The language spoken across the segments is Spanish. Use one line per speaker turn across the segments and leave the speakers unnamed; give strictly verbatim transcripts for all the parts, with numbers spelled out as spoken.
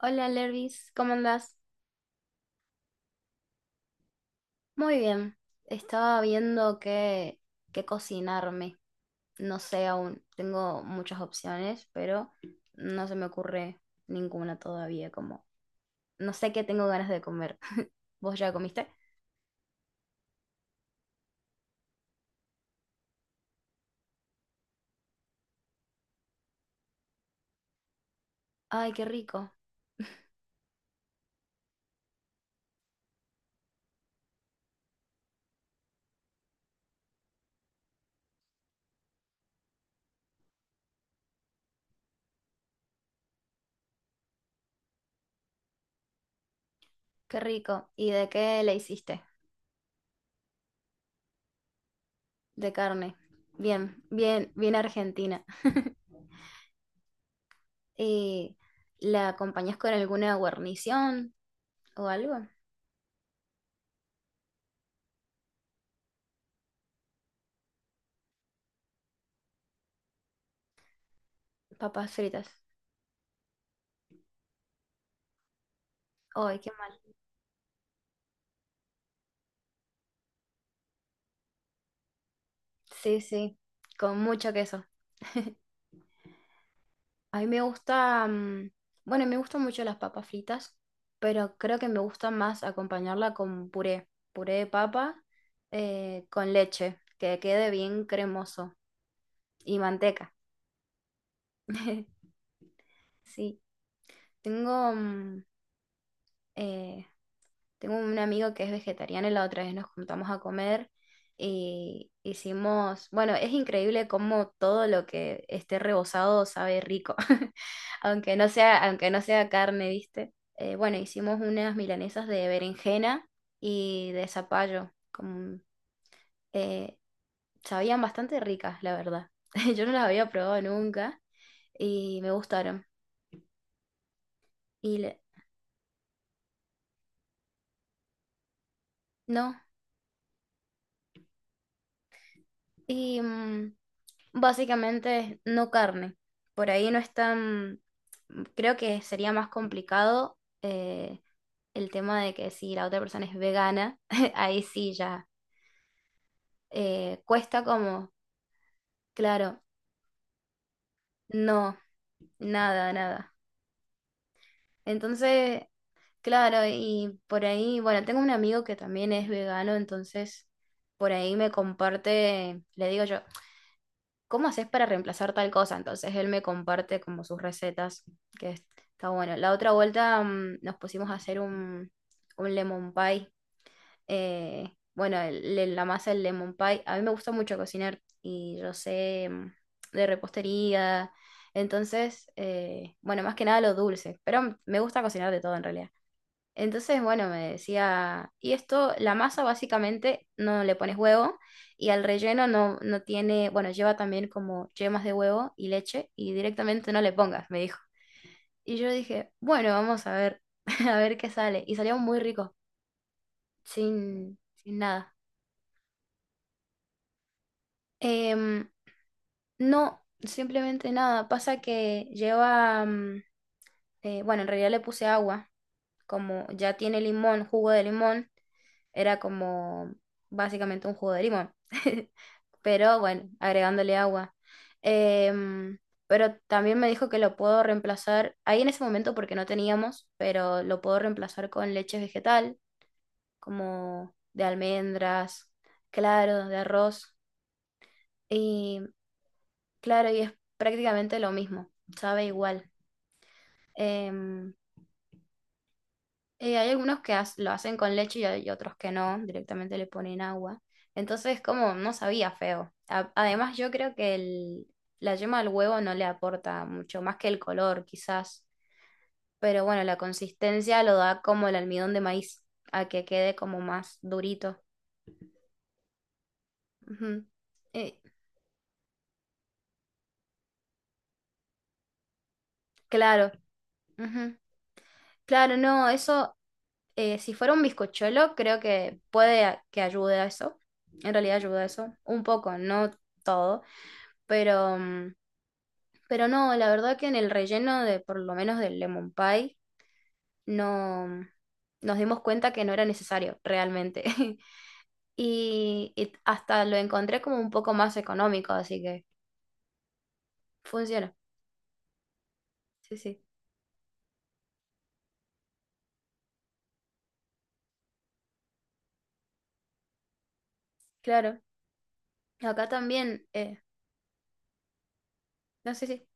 Hola Lervis, ¿cómo andás? Muy bien. Estaba viendo qué, qué cocinarme. No sé aún. Tengo muchas opciones, pero no se me ocurre ninguna todavía. Como no sé qué tengo ganas de comer. ¿Vos ya comiste? Ay, qué rico, qué rico. ¿Y de qué le hiciste? De carne. Bien, bien, bien argentina. ¿Y la acompañás con alguna guarnición o algo? Papas fritas. Ay, qué Sí, sí, con mucho queso. A mí me gusta, mm, bueno, me gustan mucho las papas fritas, pero creo que me gusta más acompañarla con puré, puré de papa eh, con leche, que quede bien cremoso y manteca. Sí, tengo mm, eh, Tengo un amigo que es vegetariano y la otra vez nos juntamos a comer y hicimos, bueno, es increíble cómo todo lo que esté rebozado sabe rico, aunque no sea, aunque no sea carne, ¿viste? Eh, bueno, hicimos unas milanesas de berenjena y de zapallo, como, eh, sabían bastante ricas, la verdad. Yo no las había probado nunca y me gustaron. Y le- no, y mm, básicamente no carne. Por ahí no es tan, creo que sería más complicado eh, el tema de que si la otra persona es vegana, ahí sí ya eh, cuesta como, claro, no, nada, nada. Entonces, claro, y por ahí, bueno, tengo un amigo que también es vegano, entonces por ahí me comparte, le digo yo, ¿cómo haces para reemplazar tal cosa? Entonces él me comparte como sus recetas, que es- está bueno. La otra vuelta mm, nos pusimos a hacer un, un lemon pie. Eh, bueno, el- el- la masa del lemon pie. A mí me gusta mucho cocinar y yo sé mm, de repostería. Entonces, eh, bueno, más que nada lo dulce, pero me gusta cocinar de todo en realidad. Entonces, bueno, me decía, y esto, la masa básicamente no le pones huevo y al relleno no, no tiene, bueno, lleva también como yemas de huevo y leche y directamente no le pongas, me dijo. Y yo dije, bueno, vamos a ver, a ver qué sale. Y salió muy rico, sin, sin nada. Em, no, simplemente nada. Pasa que lleva, mm, eh, bueno, en realidad le puse agua, como ya tiene limón, jugo de limón. Era como básicamente un jugo de limón, pero bueno, agregándole agua. Em, pero también me dijo que lo puedo reemplazar, ahí en ese momento porque no teníamos, pero lo puedo reemplazar con leche vegetal, como de almendras, claro, de arroz. Y claro, y es prácticamente lo mismo, sabe igual. Em, Eh, hay algunos que has- lo hacen con leche y hay otros que no, directamente le ponen agua. Entonces, como no sabía feo. A- además, yo creo que el- la yema al huevo no le aporta mucho, más que el color, quizás. Pero bueno, la consistencia lo da como el almidón de maíz, a que quede como más durito. Ujú. Eh, claro, ujú. Claro, no, eso, eh, si fuera un bizcochuelo, creo que puede a- que ayude a eso. En realidad ayuda a eso, un poco, no todo. Pero mm, pero no, la verdad que en el relleno de, por lo menos del lemon pie, no nos dimos cuenta que no era necesario realmente. Y, y hasta lo encontré como un poco más económico, así que funciona. Sí, sí, claro. Acá también, eh, no sé si.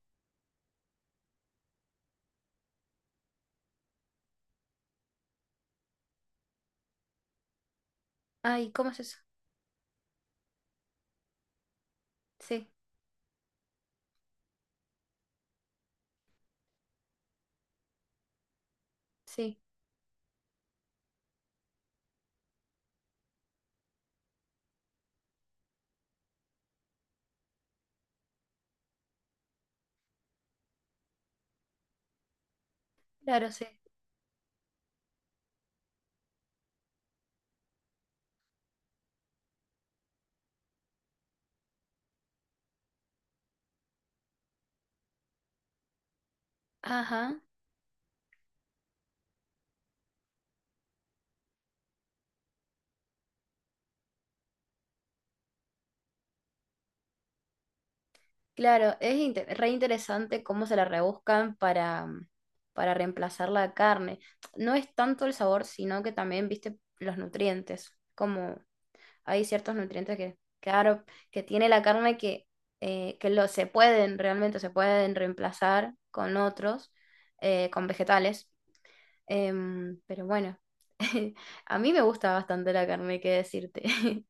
Ay, ¿cómo es eso? Sí, sí, claro, sí. Ajá. Claro, es inte- re interesante cómo se la rebuscan para, para reemplazar la carne. No es tanto el sabor, sino que también, viste, los nutrientes. Como hay ciertos nutrientes que, claro, que tiene la carne que, eh, que lo, se pueden, realmente se pueden reemplazar con otros, eh, con vegetales. Em, pero bueno, a mí me gusta bastante la carne, qué decirte.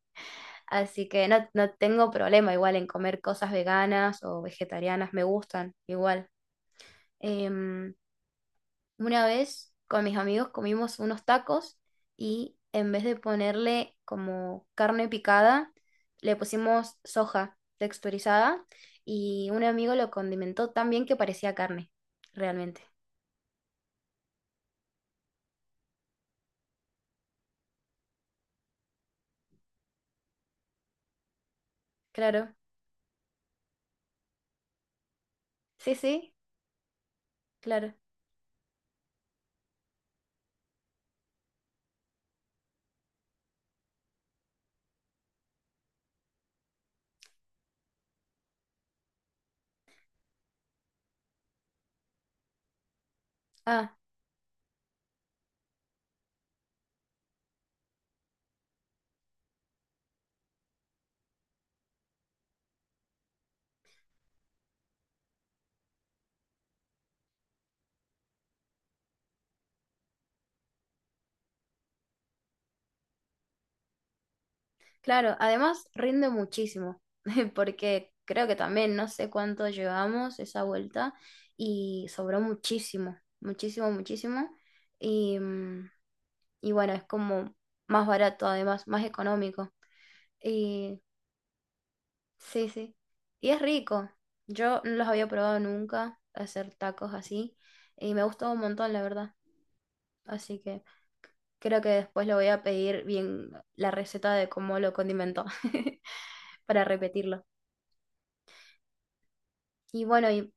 Así que no, no tengo problema igual en comer cosas veganas o vegetarianas, me gustan igual. Em, una vez con mis amigos comimos unos tacos y en vez de ponerle como carne picada, le pusimos soja texturizada y un amigo lo condimentó tan bien que parecía carne, realmente. Claro, sí, sí, claro. Ah. Claro, además rinde muchísimo, porque creo que también no sé cuánto llevamos esa vuelta y sobró muchísimo, muchísimo, muchísimo. Y, mm, y bueno, es como más barato además, más económico. Y sí, sí. Y es rico. Yo no los había probado nunca, hacer tacos así, y me gustó un montón, la verdad. Así que creo que después le voy a pedir bien la receta de cómo lo condimentó para repetirlo. Y bueno, y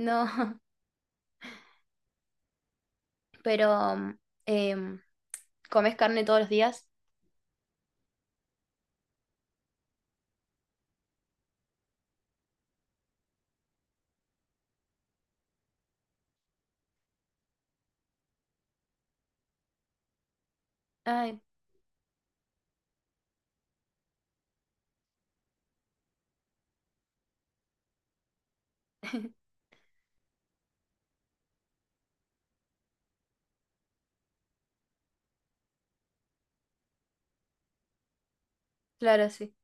no, pero mm, em, ¿comes carne todos los días? Ay, claro, sí.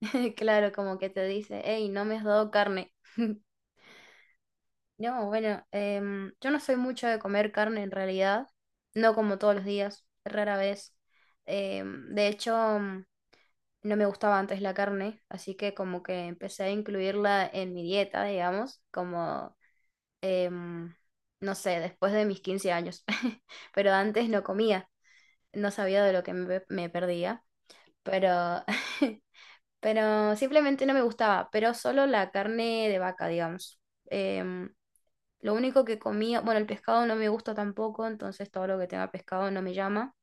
Claro, como que te dice, hey, no me has dado carne. No, bueno, em, yo no soy mucho de comer carne en realidad. No como todos los días, rara vez. Em, de hecho, mm, no me gustaba antes la carne, así que como que empecé a incluirla en mi dieta, digamos, como, em, no sé, después de mis quince años. Pero antes no comía. No sabía de lo que me, me perdía, pero, pero simplemente no me gustaba, pero solo la carne de vaca, digamos. Em, lo único que comía, bueno, el pescado no me gusta tampoco, entonces todo lo que tenga pescado no me llama,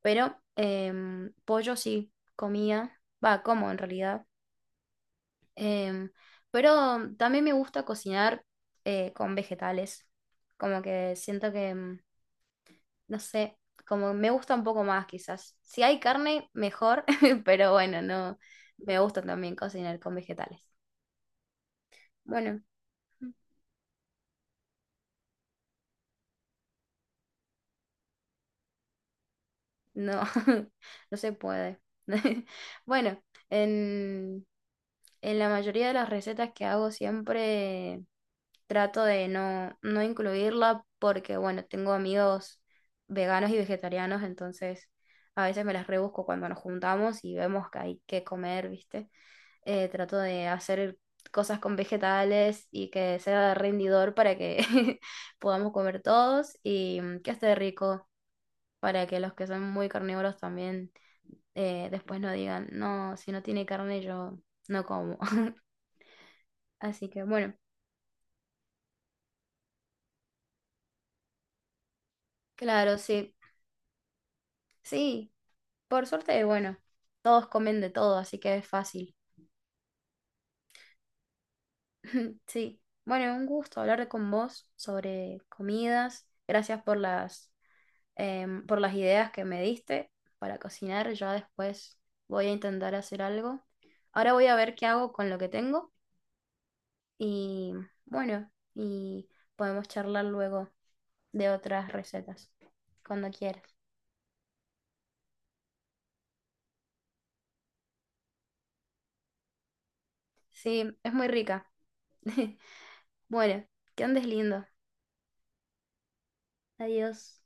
pero em, pollo sí comía, va, como en realidad. Em, pero también me gusta cocinar eh, con vegetales, como que siento que... em, no sé, como me gusta un poco más quizás. Si hay carne, mejor, pero bueno, no, me gusta también cocinar con vegetales. Bueno, no, no se puede. Bueno, en, en la mayoría de las recetas que hago siempre trato de no, no incluirla porque, bueno, tengo amigos veganos y vegetarianos, entonces a veces me las rebusco cuando nos juntamos y vemos que hay que comer, ¿viste? eh, trato de hacer cosas con vegetales y que sea rendidor para que podamos comer todos y mm, que esté rico para que los que son muy carnívoros también eh, después no digan, no, si no tiene carne yo no como. Así que bueno, claro, sí, sí, por suerte, bueno, todos comen de todo, así que es fácil. Sí, bueno, un gusto hablar con vos sobre comidas. Gracias por las em, por las ideas que me diste para cocinar. Ya después voy a intentar hacer algo. Ahora voy a ver qué hago con lo que tengo y bueno, y podemos charlar luego de otras recetas, cuando quieras. Sí, es muy rica. Bueno, que andes lindo. Adiós.